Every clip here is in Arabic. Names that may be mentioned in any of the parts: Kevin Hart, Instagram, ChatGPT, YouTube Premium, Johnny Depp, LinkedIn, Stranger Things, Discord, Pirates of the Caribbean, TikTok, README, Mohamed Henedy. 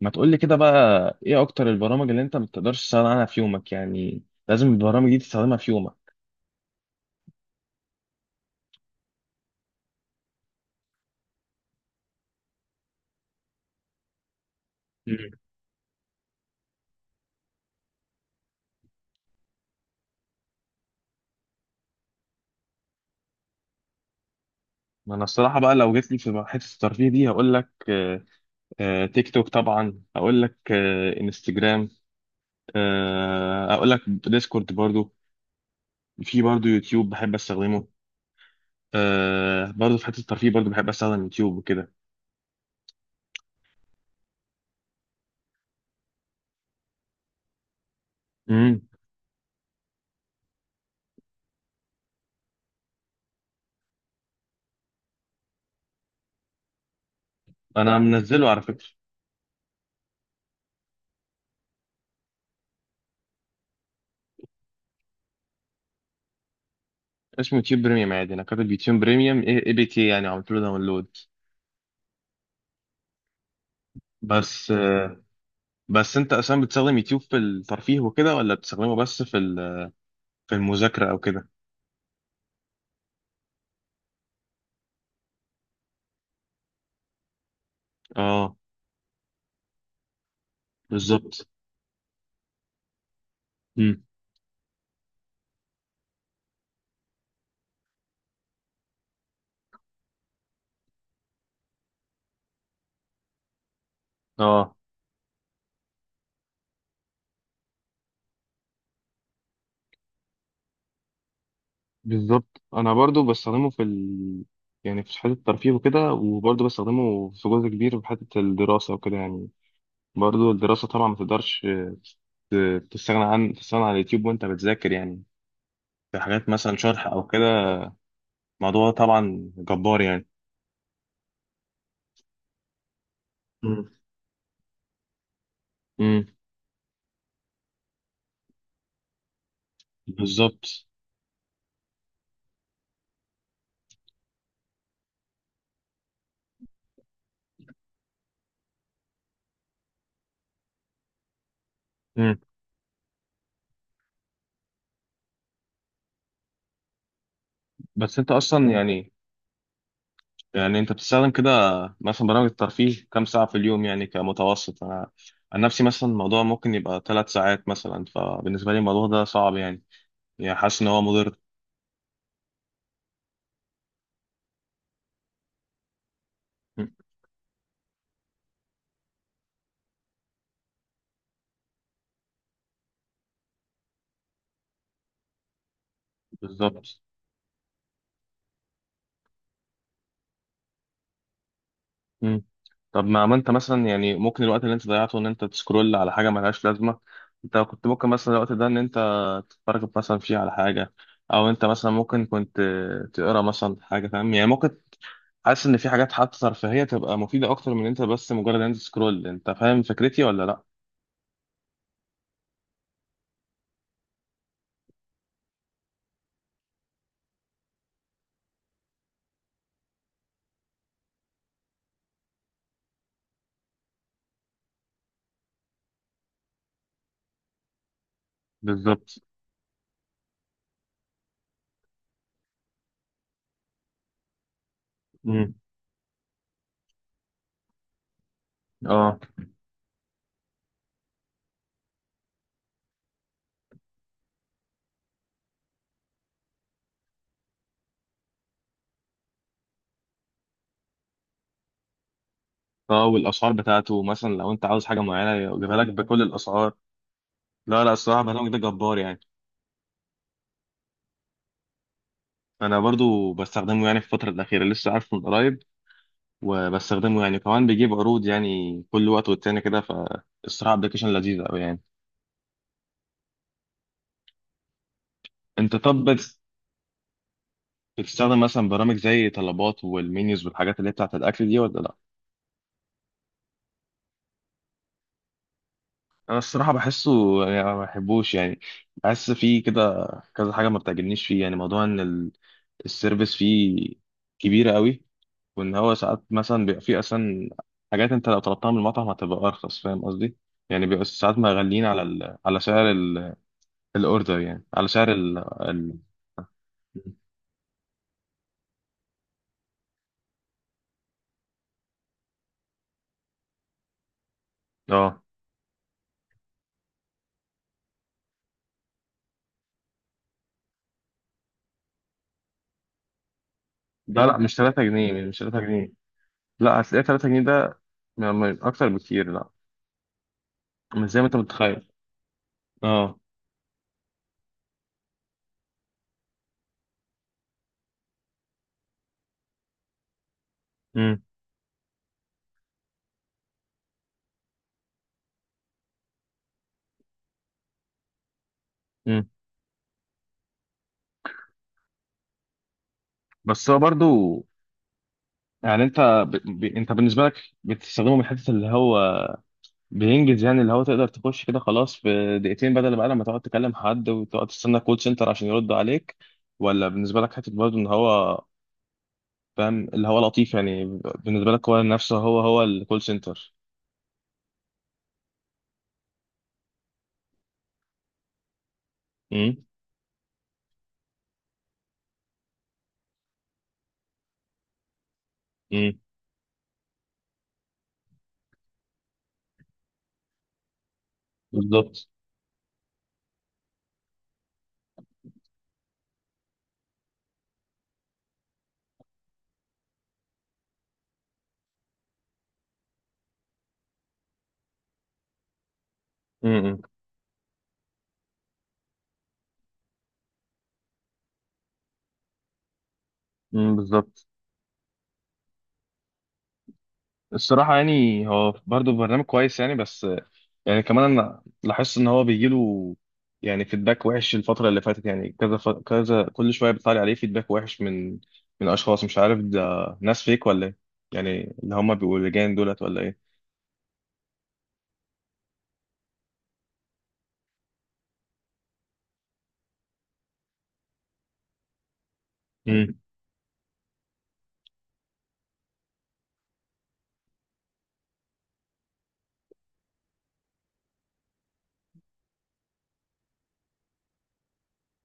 ما تقولي كده بقى. ايه اكتر البرامج اللي انت ما بتقدرش تستغنى عنها في يومك يعني؟ لازم البرامج دي تستخدمها في يومك. مم. ما انا الصراحه بقى لو جيت لي في حته الترفيه دي هقول لك، تيك توك طبعا، هقول لك، انستجرام، هقول لك ديسكورد برضو. في برضو يوتيوب بحب استخدمه. برضو في حته الترفيه برضو بحب استخدم يوتيوب وكده. امم. انا منزله على فكره. اسمه يوتيوب بريميوم عادي، انا كاتب يوتيوب بريميوم اي بي تي يعني عملت له داونلود. بس آه، بس انت اصلا بتستخدم يوتيوب في الترفيه وكده، ولا بتستخدمه بس في في المذاكرة او كده؟ اه، بالظبط. امم. اه، بالظبط. انا برضو بستخدمه في يعني في حته الترفيه وكده، وبرضو بستخدمه في جزء كبير في حته الدراسه وكده يعني. برضو الدراسه طبعا ما تقدرش تستغنى عن اليوتيوب وانت بتذاكر يعني. في حاجات مثلا شرح او كده. الموضوع طبعا جبار يعني. امم. امم. بالظبط. امم. بس انت اصلا يعني يعني انت بتستخدم كده مثلا برامج الترفيه كام ساعة في اليوم يعني كمتوسط؟ انا عن نفسي مثلا الموضوع ممكن يبقى ثلاث ساعات مثلا، فبالنسبة لي الموضوع ده صعب يعني. يعني حاسس ان هو مضر. م. بالظبط. م. طب ما انت مثلا يعني ممكن الوقت اللي انت ضيعته ان انت تسكرول على حاجة ملهاش لازمة، انت كنت ممكن مثلا الوقت ده ان انت تتفرج مثلا فيه على حاجة، او انت مثلا ممكن كنت تقرا مثلا حاجة، فاهم يعني. ممكن حاسس ان في حاجات حتى ترفيهية تبقى مفيدة اكتر من انت بس مجرد ان انت تسكرول. انت فاهم فكرتي ولا لا؟ بالظبط. امم. اه. اه، والاسعار بتاعته مثلا لو انت عاوز حاجه معينه يجيبها لك بكل الاسعار. لا لا، الصراحه برنامج ده جبار يعني. انا برضو بستخدمه يعني في الفتره الاخيره، لسه عارفه من قريب، وبستخدمه يعني كمان بيجيب عروض يعني كل وقت والتاني كده، فالصراحه ابلكيشن لذيذ قوي يعني. انت طب بتستخدم مثلا برامج زي طلبات والمنيوز والحاجات اللي هي بتاعت الاكل دي، ولا لا؟ انا الصراحه بحسه، يعني ما بحبوش يعني. بحس فيه كده كذا حاجه ما بتعجبنيش فيه. يعني موضوع ان السيرفيس فيه كبيرة قوي، وإن هو ساعات مثلا بيبقى فيه أصلا حاجات أنت لو طلبتها من المطعم هتبقى أرخص، فاهم قصدي؟ يعني بيبقى ساعات مغلين على على سعر الأوردر، يعني على سعر ال... اه. لا لا، مش 3 جنيه، مش 3 جنيه. لا، هتلاقي 3 جنيه ده أكتر بكتير، لا، مش زي ما أنت متخيل. اه. امم. امم. بس هو برضو يعني، أنت أنت بالنسبة لك بتستخدمه من حتة اللي هو بينجز، يعني اللي هو تقدر تخش كده خلاص في دقيقتين بدل بقى لما تقعد تكلم حد وتقعد تستنى كول سنتر عشان يرد عليك؟ ولا بالنسبة لك حتة برضه ان هو، فاهم، اللي هو لطيف يعني؟ بالنسبة لك هو نفسه هو الكول سنتر؟ امم. امم. بالظبط. امم. امم. بالظبط. الصراحة يعني هو برضه برنامج كويس يعني، بس يعني كمان أنا لاحظت إن هو بيجيله يعني فيدباك وحش الفترة اللي فاتت، يعني كذا كذا كل شوية بيطلع لي عليه فيدباك وحش من من أشخاص، مش عارف ده ناس فيك ولا إيه، يعني اللي هما بيبقوا لجان دولت ولا إيه؟ امم.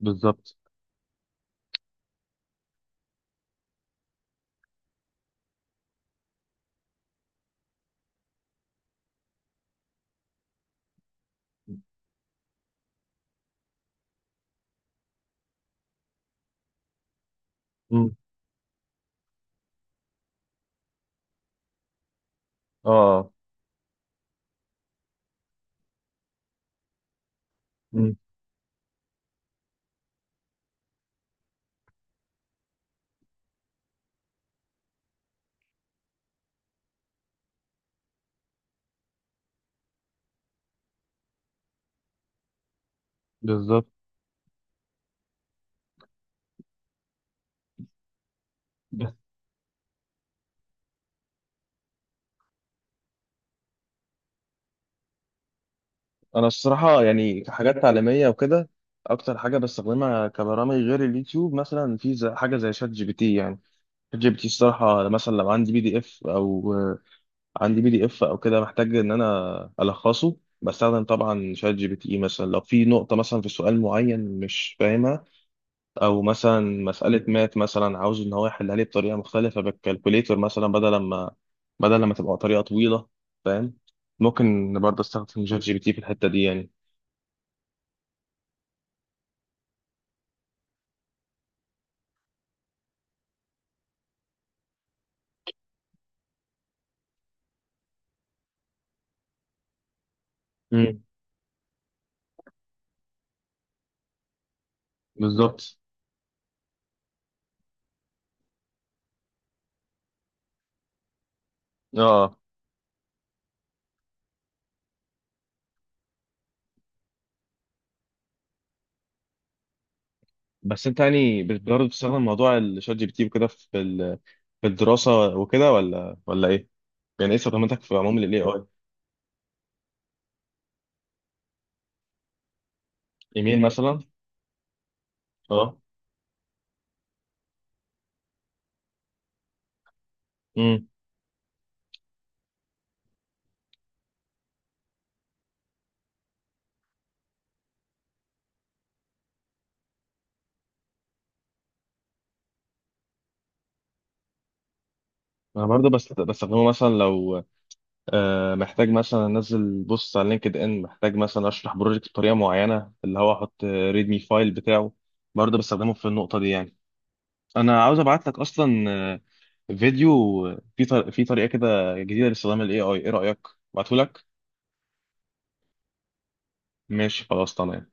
بالظبط. امم. آه. امم. بالظبط. بس أنا الصراحة يعني كحاجات تعليمية وكده، أكتر حاجة بستخدمها كبرامج غير اليوتيوب مثلا في حاجة زي شات جي بي تي يعني. شات جي بي تي الصراحه، مثلا لو عندي بي دي اف او عندي بي دي اف او كده محتاج ان انا الخصه، بستخدم طبعا شات جي بي تي. إيه مثلا لو في نقطه مثلا في سؤال معين مش فاهمها، او مثلا مساله مات مثلا عاوز ان هو يحلها لي بطريقه مختلفه بالكالكوليتر مثلا، بدل ما تبقى طريقه طويله، فاهم، ممكن برضه استخدم شات جي بي تي في الحته دي يعني. امم. بالظبط. اه. بس انت يعني برضه بتستخدم موضوع الشات جي بي تي وكده في في الدراسه وكده ولا ايه؟ يعني ايه استخداماتك في عموم للاي اي؟ ايميل مثلا. اه. امم. انا برضه بس بستخدمه مثلا لو محتاج مثلا انزل بوست على لينكد ان، محتاج مثلا اشرح بروجكت بطريقه معينه، اللي هو احط ريدمي فايل بتاعه، برضه بستخدمه في النقطه دي يعني. انا عاوز ابعت لك اصلا فيديو في طريقه كده جديده لاستخدام الاي اي، ايه رايك؟ ابعته لك. ماشي خلاص تمام.